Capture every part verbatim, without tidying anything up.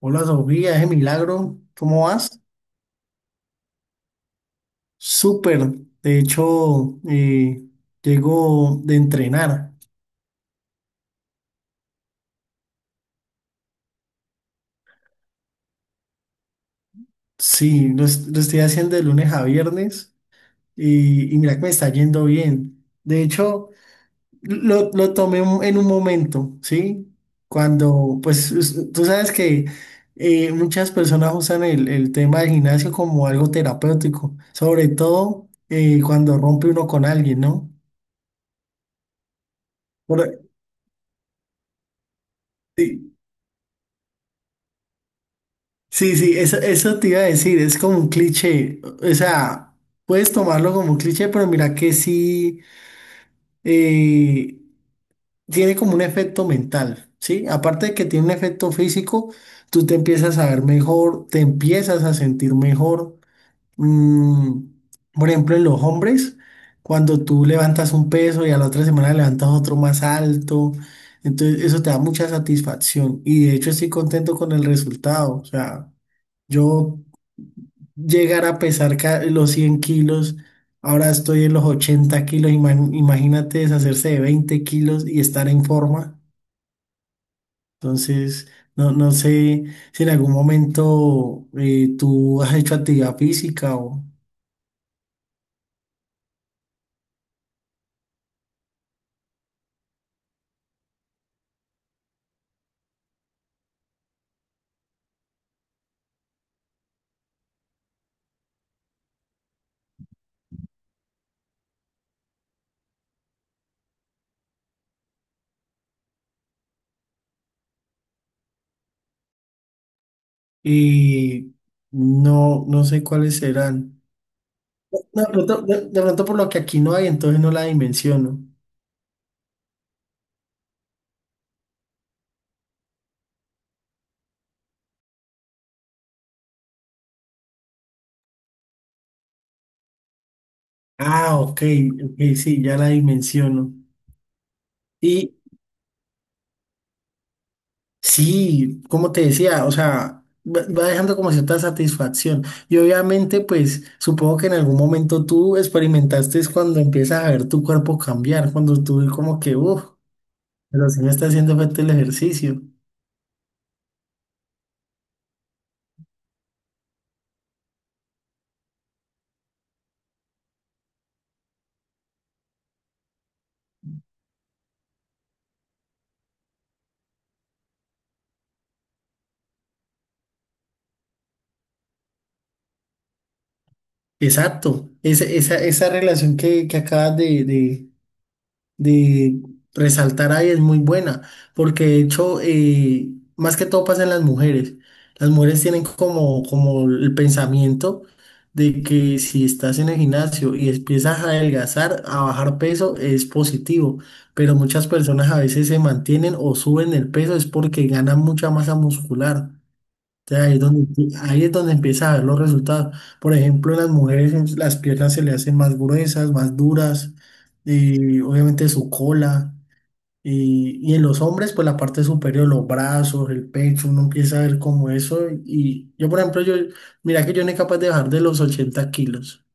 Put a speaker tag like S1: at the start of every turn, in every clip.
S1: Hola Sofía, ese milagro, ¿cómo vas? Súper, de hecho, eh, llego de entrenar. Sí, lo, es- lo estoy haciendo de lunes a viernes y, y mira que me está yendo bien. De hecho, lo, lo tomé un- en un momento, ¿sí? Cuando, pues es- tú sabes que eh, muchas personas usan el, el tema del gimnasio como algo terapéutico, sobre todo eh, cuando rompe uno con alguien, ¿no? Por- sí. Sí, sí, eso, eso te iba a decir, es como un cliché, o sea, puedes tomarlo como un cliché, pero mira que sí eh, tiene como un efecto mental, ¿sí? Aparte de que tiene un efecto físico, tú te empiezas a ver mejor, te empiezas a sentir mejor. Mm, por ejemplo, en los hombres, cuando tú levantas un peso y a la otra semana levantas otro más alto, entonces eso te da mucha satisfacción y de hecho estoy contento con el resultado, o sea. Yo llegar a pesar ca- los cien kilos, ahora estoy en los ochenta kilos, ima- imagínate deshacerse de veinte kilos y estar en forma. Entonces, no, no sé si en algún momento eh, tú has hecho actividad física o y no, no sé cuáles serán. No, de pronto, de- de pronto por lo que aquí no hay, entonces no la dimensiono. Ah, ok, ok, sí, ya la dimensiono. Sí, como te decía, o sea, va va dejando como cierta satisfacción. Y obviamente, pues supongo que en algún momento tú experimentaste es cuando empiezas a ver tu cuerpo cambiar, cuando tú como que, uff, pero sí me está haciendo falta el ejercicio. Exacto, esa, esa, esa relación que, que acabas de, de, de resaltar ahí es muy buena, porque de hecho, eh, más que todo pasa en las mujeres. Las mujeres tienen como, como el pensamiento de que si estás en el gimnasio y empiezas a adelgazar, a bajar peso, es positivo, pero muchas personas a veces se mantienen o suben el peso es porque ganan mucha masa muscular. Entonces, Ahí es donde, ahí es donde empieza a ver los resultados. Por ejemplo, en las mujeres en- las piernas se le hacen más gruesas, más duras, y obviamente su cola. Y, y en los hombres, pues la parte superior, los brazos, el pecho, uno empieza a ver como eso. Y yo, por ejemplo, yo, mira que yo no soy capaz de bajar de los ochenta kilos.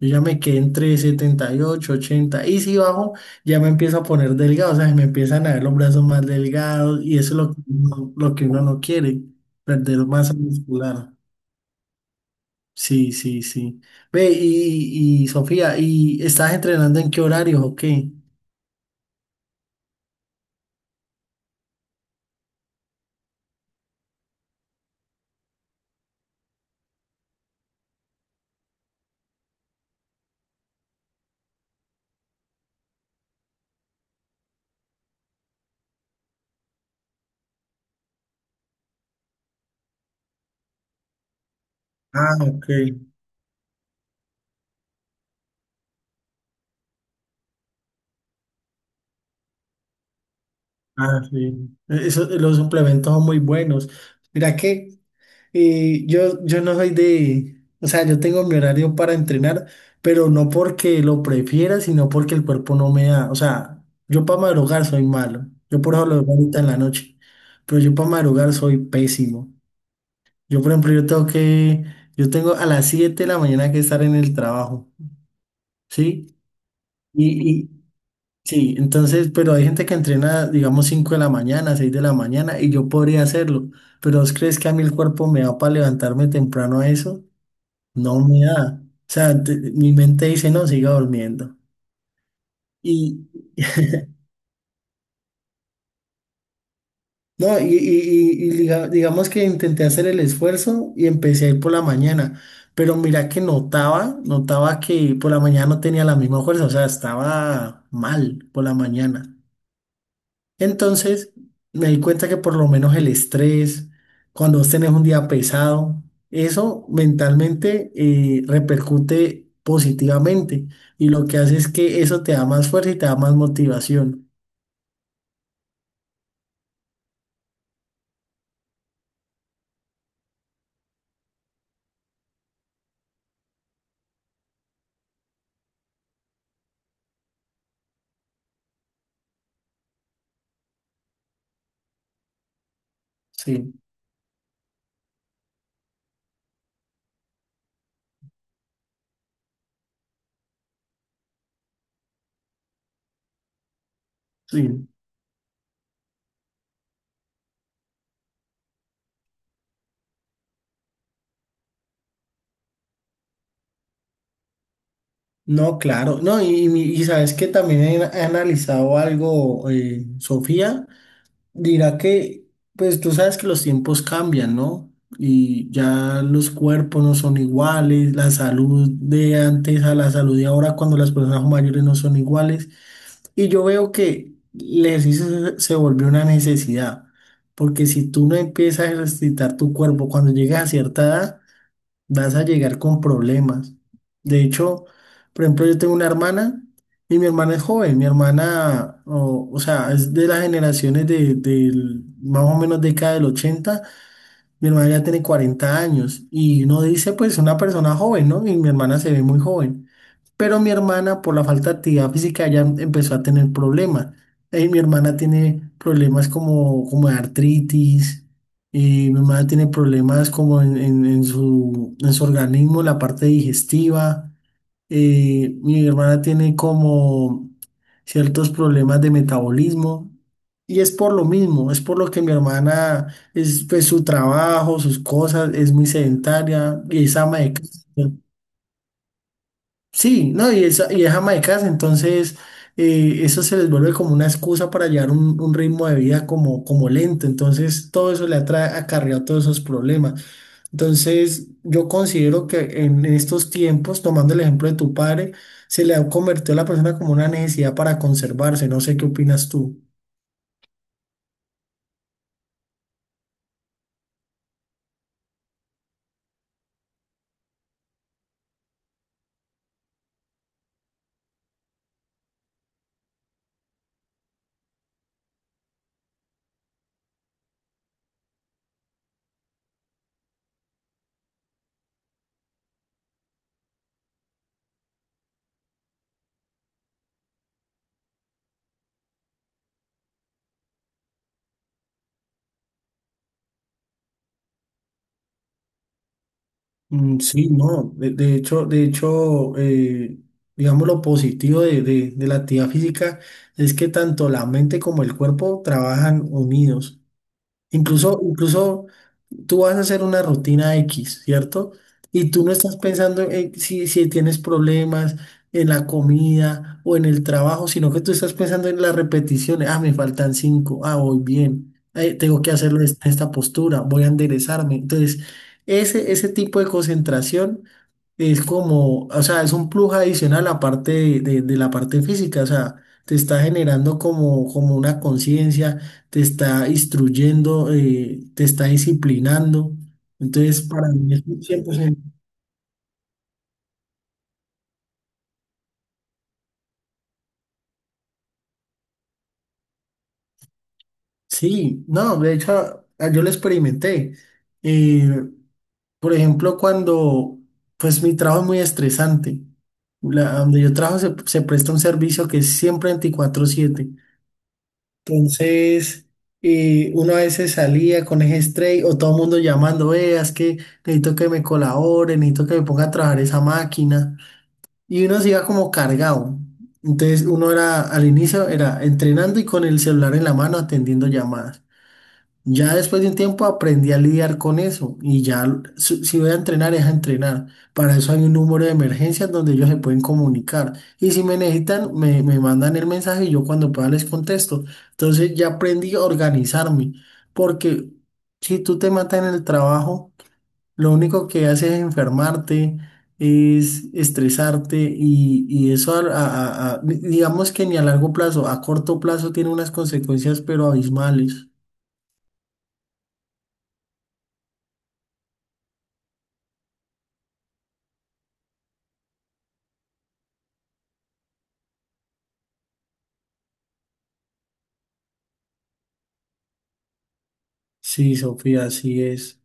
S1: Yo ya me quedé entre setenta y ocho, ochenta y si bajo ya me empiezo a poner delgado, o sea, me empiezan a ver los brazos más delgados y eso es lo que uno, lo que uno no quiere, perder masa muscular. Sí, sí, sí. Ve, y, y Sofía, ¿y estás entrenando en qué horarios o qué? Ah, ok. Ah, sí. Eso, los suplementos son muy buenos. Mira que. Y yo, yo no soy de, o sea, yo tengo mi horario para entrenar, pero no porque lo prefiera, sino porque el cuerpo no me da. O sea, yo para madrugar soy malo. Yo por eso lo veo ahorita en la noche. Pero yo para madrugar soy pésimo. Yo, por ejemplo, yo tengo que, yo tengo a las siete de la mañana que estar en el trabajo, ¿sí? Y, y sí, entonces, pero hay gente que entrena, digamos, cinco de la mañana, seis de la mañana, y yo podría hacerlo. Pero ¿vos crees que a mí el cuerpo me da para levantarme temprano a eso? No me da. O sea, te- mi mente dice, no, siga durmiendo. Y, no, y, y- y- y diga- digamos que intenté hacer el esfuerzo y empecé a ir por la mañana, pero mira que notaba, notaba que por la mañana no tenía la misma fuerza, o sea, estaba mal por la mañana. Entonces, me di cuenta que por lo menos el estrés, cuando vos tenés un día pesado, eso mentalmente eh, repercute positivamente y lo que hace es que eso te da más fuerza y te da más motivación. Sí, sí. No, claro. No, y, y- y sabes que también he, he analizado algo, eh, Sofía. Dirá que, pues tú sabes que los tiempos cambian, ¿no? Y ya los cuerpos no son iguales, la salud de antes a la salud de ahora cuando las personas mayores no son iguales. Y yo veo que el ejercicio se se volvió una necesidad, porque si tú no empiezas a ejercitar tu cuerpo cuando llegas a cierta edad, vas a llegar con problemas. De hecho, por ejemplo, yo tengo una hermana y mi hermana es joven, mi hermana, o, o sea, es de las generaciones de, del- más o menos década del ochenta. Mi hermana ya tiene cuarenta años y uno dice, pues, una persona joven, ¿no? Y mi hermana se ve muy joven. Pero mi hermana, por la falta de actividad física, ya em- empezó a tener problemas. Eh, mi hermana tiene problemas como, como de artritis, eh, mi hermana tiene problemas como en, en- en su, en su organismo, la parte digestiva. eh, mi hermana tiene como ciertos problemas de metabolismo. Y es por lo mismo, es por lo que mi hermana, es, pues su trabajo, sus cosas, es muy sedentaria y es ama de casa. Sí, no, y es, y es ama de casa, entonces eh, eso se les vuelve como una excusa para llevar un, un ritmo de vida como, como lento, entonces todo eso le ha tra- acarreado todos esos problemas. Entonces yo considero que en estos tiempos, tomando el ejemplo de tu padre, se le ha convertido a la persona como una necesidad para conservarse, no sé qué opinas tú. Mm, sí, no, de, de hecho, de hecho, eh, digamos lo positivo de, de- de la actividad física es que tanto la mente como el cuerpo trabajan unidos. Incluso, incluso tú vas a hacer una rutina X, ¿cierto? Y tú no estás pensando en si, si tienes problemas en la comida o en el trabajo, sino que tú estás pensando en las repeticiones. Ah, me faltan cinco. Ah, voy bien. Eh, tengo que hacerlo en esta postura. Voy a enderezarme. Entonces, ese, ese tipo de concentración. Es como, o sea, es un plus adicional aparte de, de, de la parte física, o sea, te está generando como, como una conciencia, te está instruyendo, eh, te está disciplinando. Entonces, para mí es un cien por ciento. Sí, no, de hecho, ah, yo lo experimenté. Eh, por ejemplo, cuando, pues mi trabajo es muy estresante. La, donde yo trabajo se, se presta un servicio que es siempre veinticuatro siete. Entonces, eh, uno a veces salía con ese estrés o todo el mundo llamando, veas que necesito que me colaboren, necesito que me ponga a trabajar esa máquina. Y uno se iba como cargado. Entonces, uno era, al inicio era entrenando y con el celular en la mano atendiendo llamadas. Ya después de un tiempo aprendí a lidiar con eso y ya si si voy a entrenar es a entrenar. Para eso hay un número de emergencias donde ellos se pueden comunicar y si me necesitan me, me mandan el mensaje y yo cuando pueda les contesto. Entonces ya aprendí a organizarme porque si tú te matas en el trabajo, lo único que haces es enfermarte, es estresarte y, y eso a- a- a- a- digamos que ni a largo plazo, a corto plazo tiene unas consecuencias pero abismales. Sí, Sofía, así es.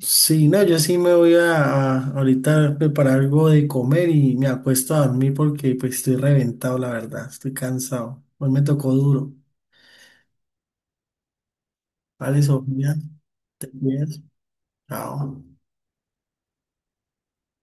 S1: Sí, no, yo sí me voy a, a ahorita a preparar algo de comer y me acuesto a dormir porque pues estoy reventado, la verdad, estoy cansado. Hoy me tocó duro. Vale, Sofía, te cuidas. Chao.